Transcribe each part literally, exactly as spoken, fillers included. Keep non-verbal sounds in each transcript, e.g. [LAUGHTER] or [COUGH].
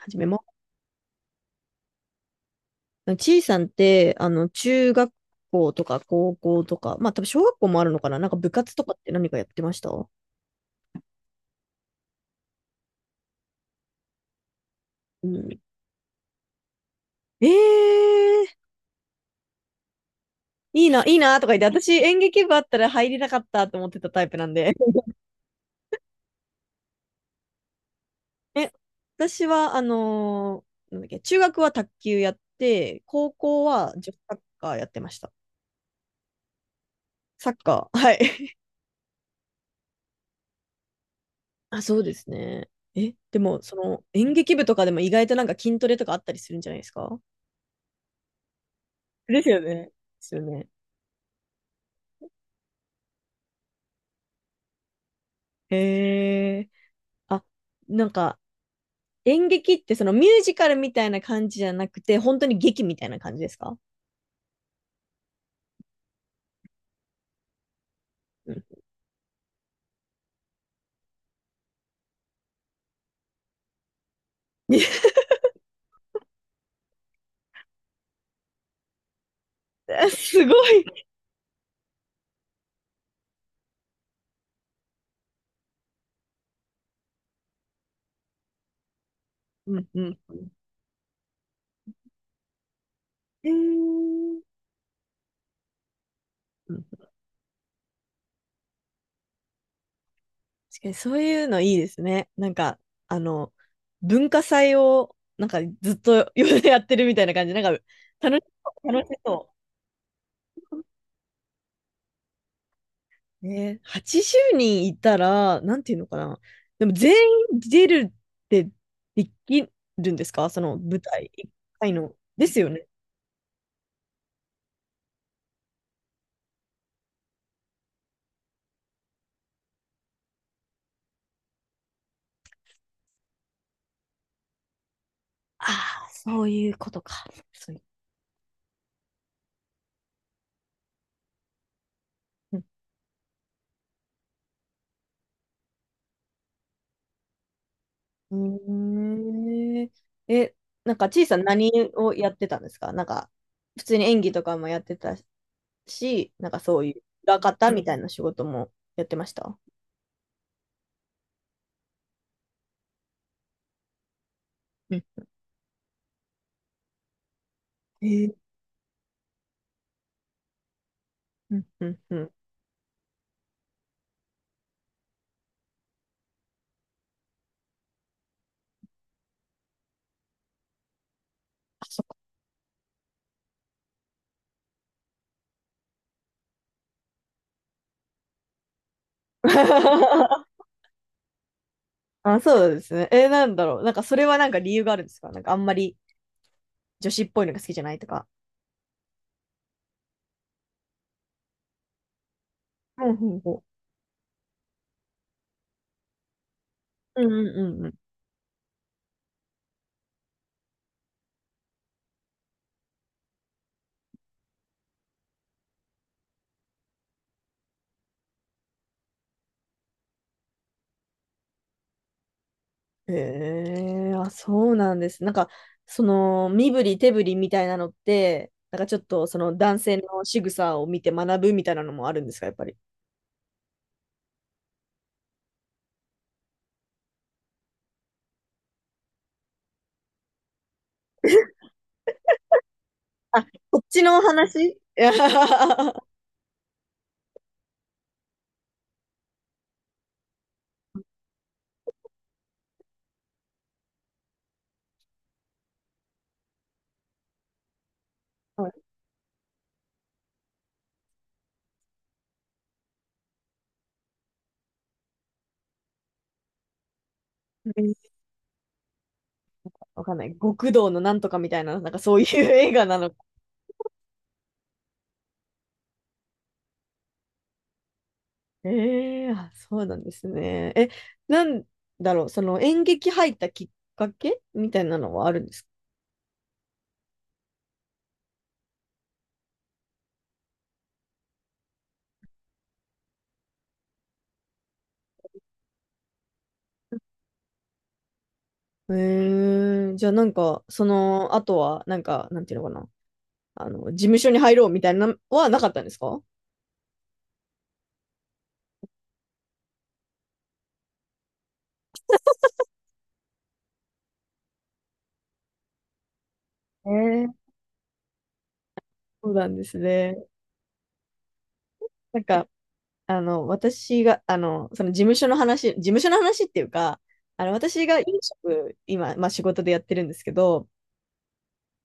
始めます。ちいさんって、あの、中学校とか高校とか、まあ、多分小学校もあるのかな、なんか部活とかって何かやってましたうん。ええー、いいな、いいなとか言って、私演劇部あったら入れなかったと思ってたタイプなんで。[LAUGHS] え、私は、あのーなんだっけ、中学は卓球やって、高校は女子サッカーやってました。サッカー、はい。[LAUGHS] あ、そうですね。え、でも、その演劇部とかでも意外となんか筋トレとかあったりするんじゃないですか？ですよね。ですよね。へえ。あ、なんか、演劇ってそのミュージカルみたいな感じじゃなくて、本当に劇みたいな感じですか？うん。 [LAUGHS] すごい。うんうんうん。へー。うん、確かにそういうのいいですね。なんか、あの、文化祭をなんかずっと [LAUGHS] やってるみたいな感じ。なんか、楽しそう。楽しそう。ね、はちじゅうにんいたら、なんていうのかな。でも全員出るってできるんですか、その舞台いっかいの。ですよね。ああ、そういうことか。そういう。うん。へえ。えなんか、ちいさん何をやってたんですか？なんか、普通に演技とかもやってたし、なんかそういう裏方みたいな仕事もやってましたうん。へえ。うんうんうん。あ、そっか。[LAUGHS] あ、そうですね。えー、なんだろう。なんか、それはなんか理由があるんですか？なんか、あんまり女子っぽいのが好きじゃないとか。うんうんうんうんうんうん。へえ、あ、そうなんです。なんか、その、身振り手振りみたいなのって、なんかちょっと、その男性の仕草を見て学ぶみたいなのもあるんですか、やっぱり。[LAUGHS] あ、こっちの話。いや、 [LAUGHS] はい。わかんない。極道のなんとかみたいな、なんかそういう映画なの？ええ。あ、そうなんですね。え、なんだろう、その演劇入ったきっかけみたいなのはあるんですか？ええ。じゃあなんか、その、あとは、なんか、なんていうのかな、あの、事務所に入ろうみたいなのはなかったんですか？ええ。そうなんですね。なんか、あの、私が、あの、その事務所の話、事務所の話っていうか、あの、私が飲食、今、まあ仕事でやってるんですけど、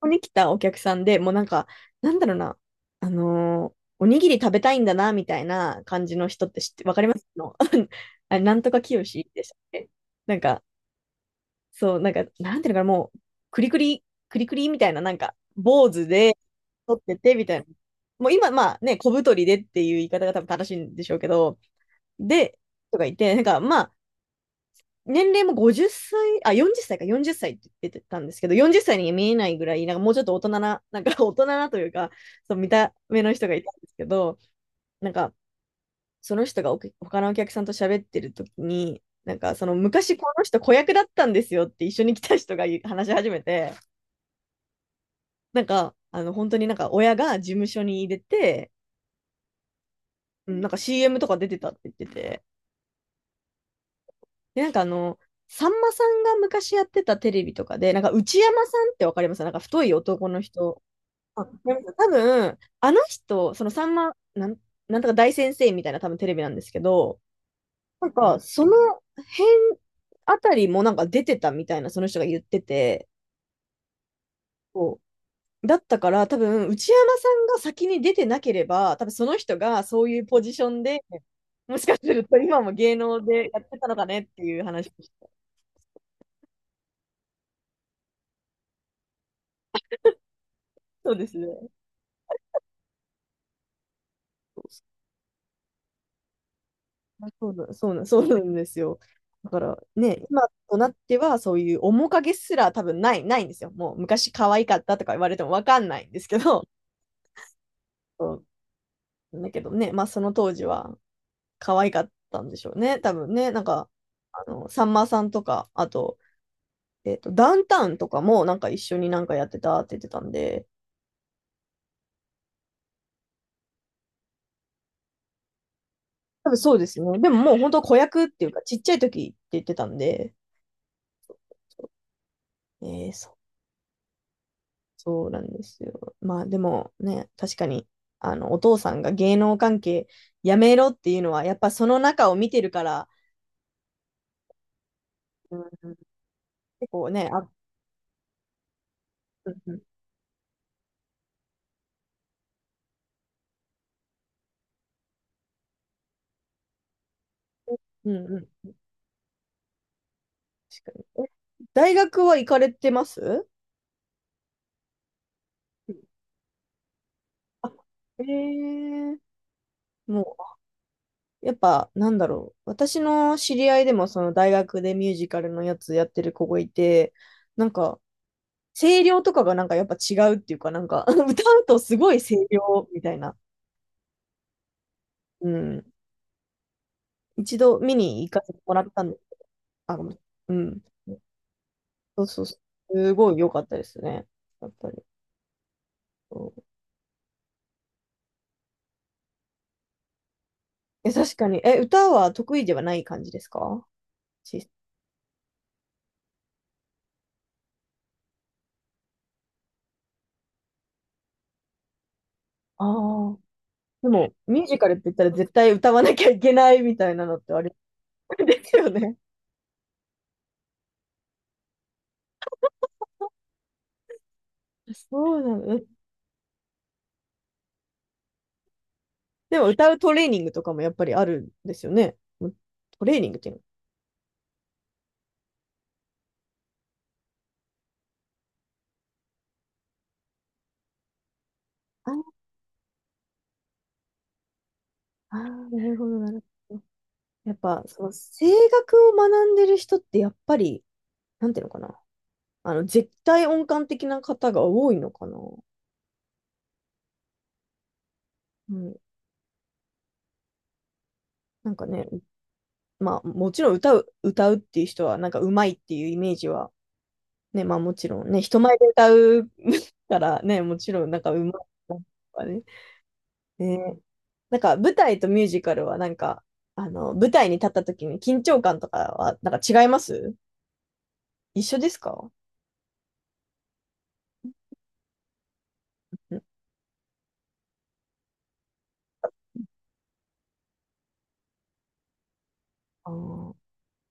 ここに来たお客さんでもうなんか、なんだろうな、あのーおにぎり食べたいんだな、みたいな感じの人って知って、わかりますの？ [LAUGHS] あれ、なんとかきよしでしたっけ？なんか、そう、なんか、なんていうのかな、もう、くりくり、くりくりみたいな、なんか、坊主で撮ってて、みたいな。もう今、まあね、小太りでっていう言い方が多分正しいんでしょうけど、で、とか言って、なんか、まあ、年齢もごじゅっさい、あ、よんじゅっさいか、よんじゅっさいっさいって言ってたんですけど、よんじゅっさいに見えないぐらい、なんかもうちょっと大人な、なんか大人なというか、そう、見た目の人がいたんですけど、なんか、その人がお客他のお客さんと喋ってる時に、なんか、その昔この人子役だったんですよって一緒に来た人が話し始めて、なんか、あの、本当になんか親が事務所に入れて、ん、なんか シーエム とか出てたって言ってて、で、なんかあの、さんまさんが昔やってたテレビとかで、なんか内山さんってわかりますなんか太い男の人。わかりまた多分、あの人、そのさんま、なん、なんとか大先生みたいな多分テレビなんですけど、なんか、その辺あたりもなんか出てたみたいな、その人が言ってて、こうだったから多分、内山さんが先に出てなければ、多分その人がそういうポジションで、もしかすると今も芸能でやってたのかねっていう話でした。そうですね。あそうな、[LAUGHS] そうな、そうなんですよ。だからね、今となってはそういう面影すら多分ない、ないんですよ。もう昔可愛かったとか言われてもわかんないんですけど、[LAUGHS] そうだけどね、まあその当時は可愛かったんでしょうね。多分ね、なんか、あの、さんまさんとか、あと、えっと、ダウンタウンとかもなんか一緒になんかやってたって言ってたんで、多分そうですね。でももう本当子役っていうかちっちゃい時って言ってたんで、えー、そそうなんですよ。まあでもね、確かに、あの、お父さんが芸能関係やめろっていうのは、やっぱその中を見てるから、うん。う、結構ね、あ、うんうん、うんうん、確かに。え、大学は行かれてますあ、えー、もう、やっぱ、なんだろう。私の知り合いでも、その大学でミュージカルのやつやってる子がいて、なんか、声量とかがなんかやっぱ違うっていうか、なんか [LAUGHS] 歌うとすごい声量みたいな。うん。一度見に行かせてもらったんで、あ、ごめん。うん。そうそうそう。すごい良かったですね。やっぱり。そう。え、確かに。え、歌は得意ではない感じですか？し、ああー。でも、ミュージカルって言ったら絶対歌わなきゃいけないみたいなのってあれですよね。そうなの。でも、歌うトレーニングとかもやっぱりあるんですよね。もうトレーニングっていうの。ああー、なるほど、なるほど。やっぱ、その声楽を学んでる人ってやっぱり、なんていうのかな。あの、絶対音感的な方が多いのかな。うん。なんかね、まあ、もちろん歌う、歌うっていう人は、なんか上手いっていうイメージは、ね、まあもちろんね、人前で歌う [LAUGHS] からね、[LAUGHS] もちろんなんか上手いとかね。ね、なんか舞台とミュージカルはなんか、あの、舞台に立った時に緊張感とかは、なんか違います？一緒ですか？うん。あー、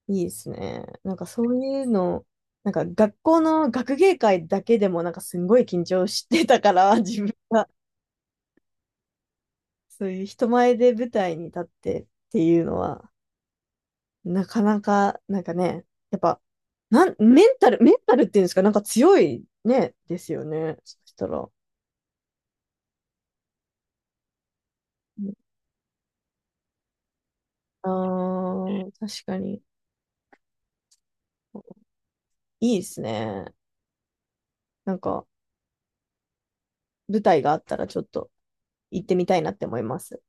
いいですね。なんかそういうの、なんか学校の学芸会だけでもなんかすんごい緊張してたから、[LAUGHS] 自分がそういう人前で舞台に立ってっていうのは、なかなか、なんかね、やっぱ、なん、メンタル、メンタルっていうんですか？なんか強いね、ですよね。そしたら。あー、確かに。いいですね。なんか、舞台があったらちょっと行ってみたいなって思います。